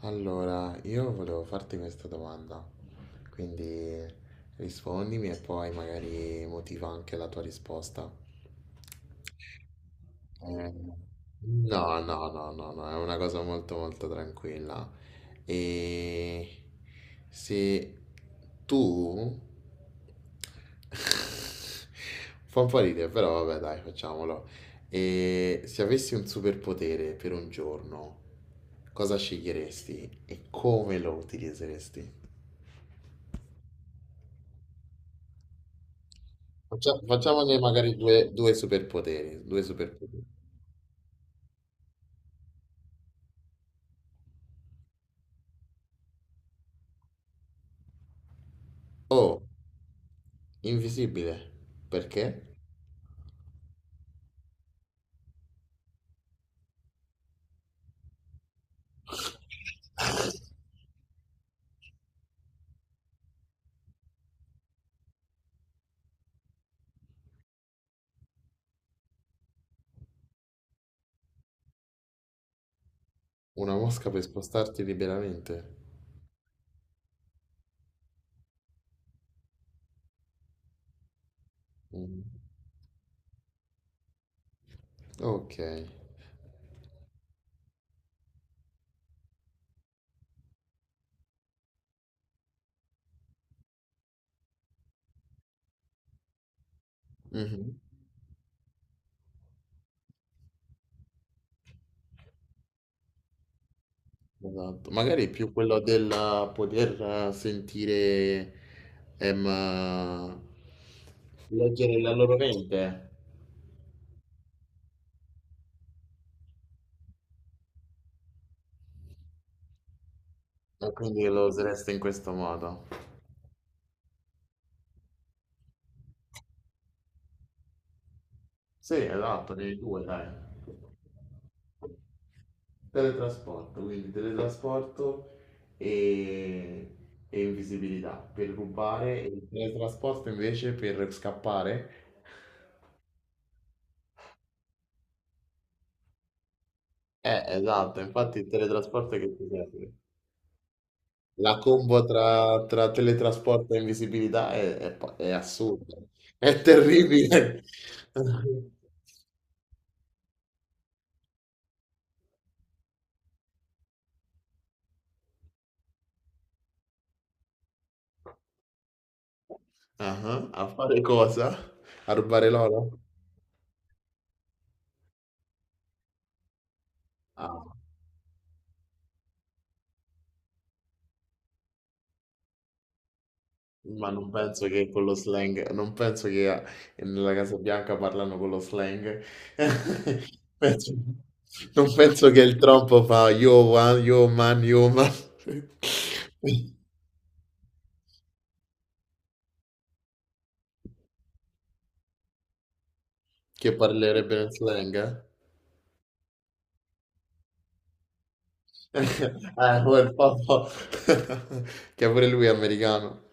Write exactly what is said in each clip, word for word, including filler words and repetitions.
Allora, io volevo farti questa domanda, quindi rispondimi e poi magari motiva anche la tua risposta. Eh, No, no, no, no, no, è una cosa molto molto tranquilla. E se tu... Fa un po' ridere, però vabbè, dai, facciamolo. E se avessi un superpotere per un giorno, cosa sceglieresti e come lo utilizzeresti? Faccia- Facciamone magari due, due superpoteri, due superpoteri. Oh, invisibile, perché? Una mosca per spostarti liberamente? Mm. Ok. Mhm. Esatto. Magari più quello del eh, poter eh, sentire, ehm, leggere la loro mente. E quindi lo usereste in questo modo. Sì, esatto, dei due, dai. Teletrasporto, quindi teletrasporto e, e invisibilità per rubare, e il teletrasporto invece per scappare. Eh, esatto, infatti il teletrasporto che ti serve? La combo tra, tra teletrasporto e invisibilità è, è pa- è assurda, è terribile. Ah, a fare cosa? A rubare l'oro? Ah, ma non penso che con lo slang, non penso che a- nella Casa Bianca parlano con lo slang. Penso- non penso che il Trump fa yo one, yo man, yo man, che parlerebbe nel slang, eh? Eh, quel popolo che pure lui è americano.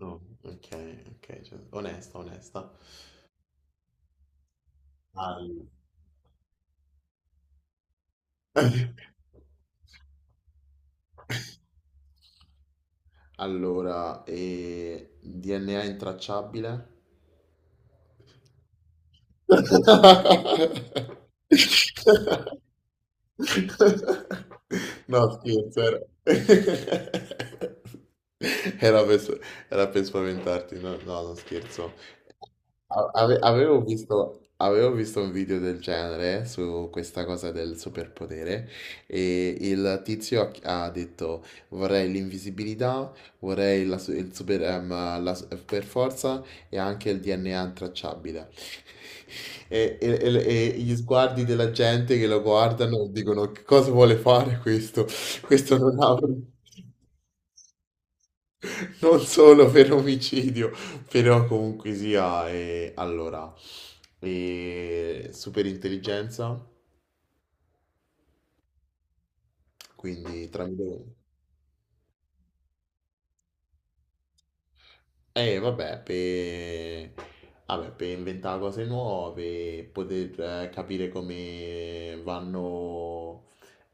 No, ok, ok, cioè, onesta, onesta. All- Allora, e D N A intracciabile? No, scherzo, era... Era per, era per spaventarti, no, no, non scherzo. A- ave- Avevo visto, avevo visto un video del genere su questa cosa del superpotere e il tizio ha chi- ha detto vorrei l'invisibilità, vorrei la, su- il super, ehm, la super forza e anche il D N A intracciabile. E, e- e- e gli sguardi della gente che lo guardano dicono che cosa vuole fare questo? Questo non ha... Non solo per omicidio, però comunque sia... eh, allora, e super intelligenza, quindi tramite... Eh, vabbè, per... vabbè, per inventare cose nuove, poter eh, capire come vanno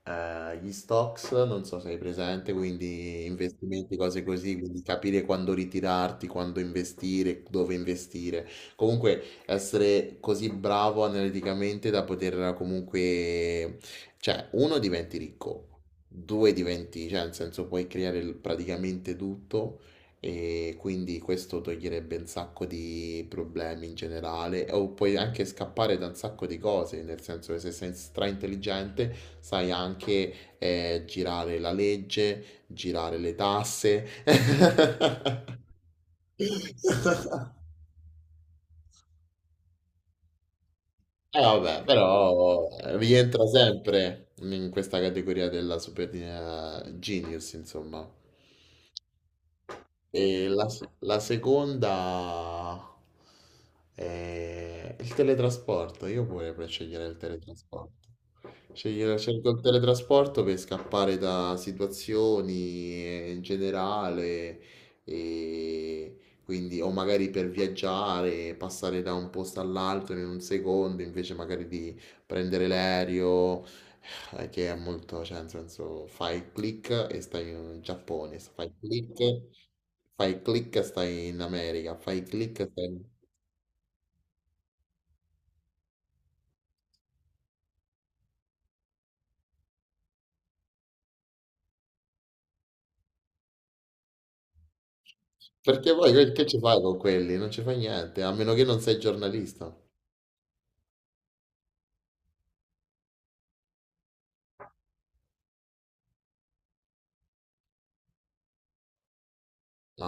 eh, gli stocks, non so se hai presente, quindi investimenti, cose così, quindi capire quando ritirarti, quando investire, dove investire. Comunque essere così bravo analiticamente da poter comunque, cioè, uno diventi ricco, due diventi, cioè, nel senso puoi creare il- praticamente tutto. E quindi questo toglierebbe un sacco di problemi in generale, o puoi anche scappare da un sacco di cose, nel senso che se sei straintelligente sai anche eh, girare la legge, girare le tasse. Eh vabbè, però eh, rientra sempre in questa categoria della super eh, genius, insomma. E la, s- la seconda è il teletrasporto. Io pure per scegliere il teletrasporto. Scegliere, scelgo il teletrasporto per scappare da situazioni eh, in generale, e quindi, o magari per viaggiare, passare da un posto all'altro in un secondo, invece magari di prendere l'aereo eh, che è molto, cioè, nel senso, fai click e stai in Giappone, fai click, fai click e stai in America, fai click e stai in... Perché poi che, che ci fai con quelli? Non ci fai niente, a meno che non sei giornalista.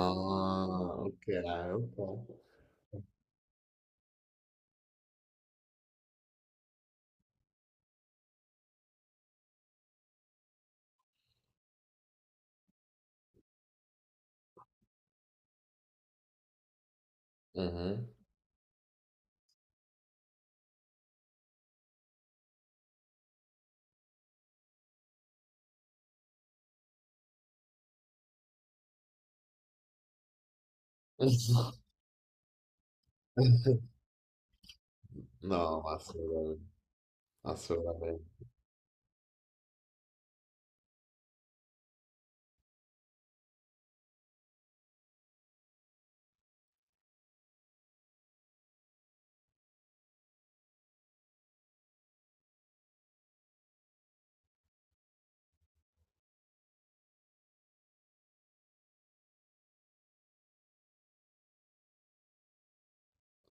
Ah, ok, ok. Mhm. No, ma assolutamente, assolutamente.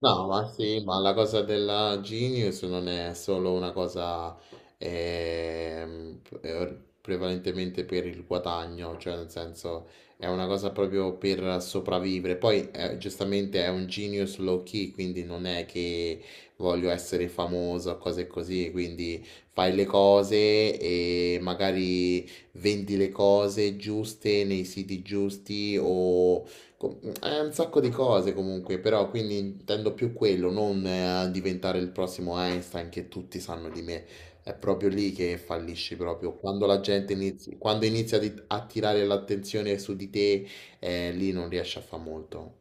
No, ma sì, ma la cosa della Genius non è solo una cosa ehm, eh, prevalentemente per il guadagno, cioè nel senso è una cosa proprio per sopravvivere. Poi eh, giustamente è un Genius low key, quindi non è che voglio essere famoso o cose così, quindi fai le cose e magari vendi le cose giuste nei siti giusti o Com- È un sacco di cose comunque, però quindi intendo più quello, non eh, diventare il prossimo Einstein che tutti sanno di me. È proprio lì che fallisci proprio. Quando la gente inizi- quando inizia a di- a tirare l'attenzione su di te, eh, lì non riesci a fare molto.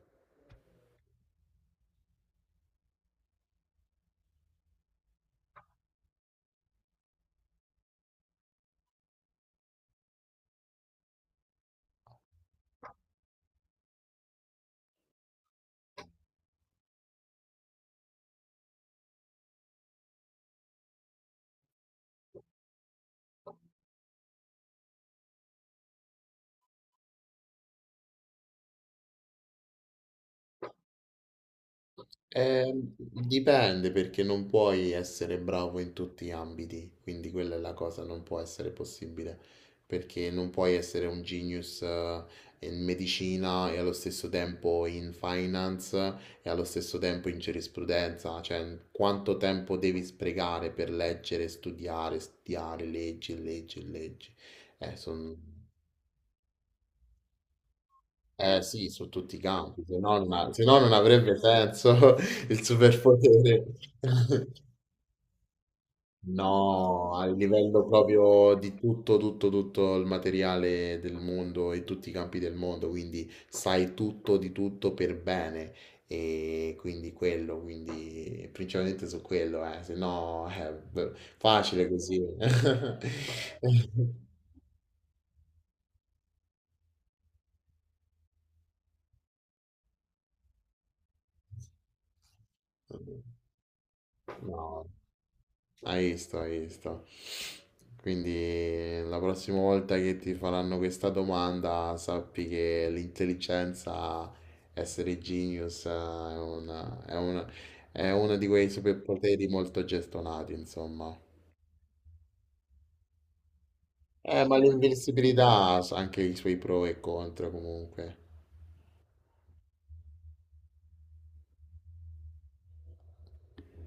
Eh, dipende perché non puoi essere bravo in tutti gli ambiti, quindi quella è la cosa, non può essere possibile, perché non puoi essere un genius eh, in medicina e allo stesso tempo in finance e allo stesso tempo in giurisprudenza, cioè quanto tempo devi sprecare per leggere, studiare, studiare, leggi, e leggi, e leggi. Eh, son- eh, sì, su tutti i campi, se no non, ha- se no non avrebbe senso il superpotere. No, a livello proprio di tutto, tutto, tutto il materiale del mondo e tutti i campi del mondo, quindi sai tutto di tutto per bene e quindi quello, quindi principalmente su quello, eh, se no è facile così. No. Hai visto, hai visto. Quindi la prossima volta che ti faranno questa domanda, sappi che l'intelligenza, essere genius, eh, è una, è una- è uno di quei superpoteri molto gestonati, insomma. Eh, ma l'invincibilità ha anche i suoi pro e contro comunque.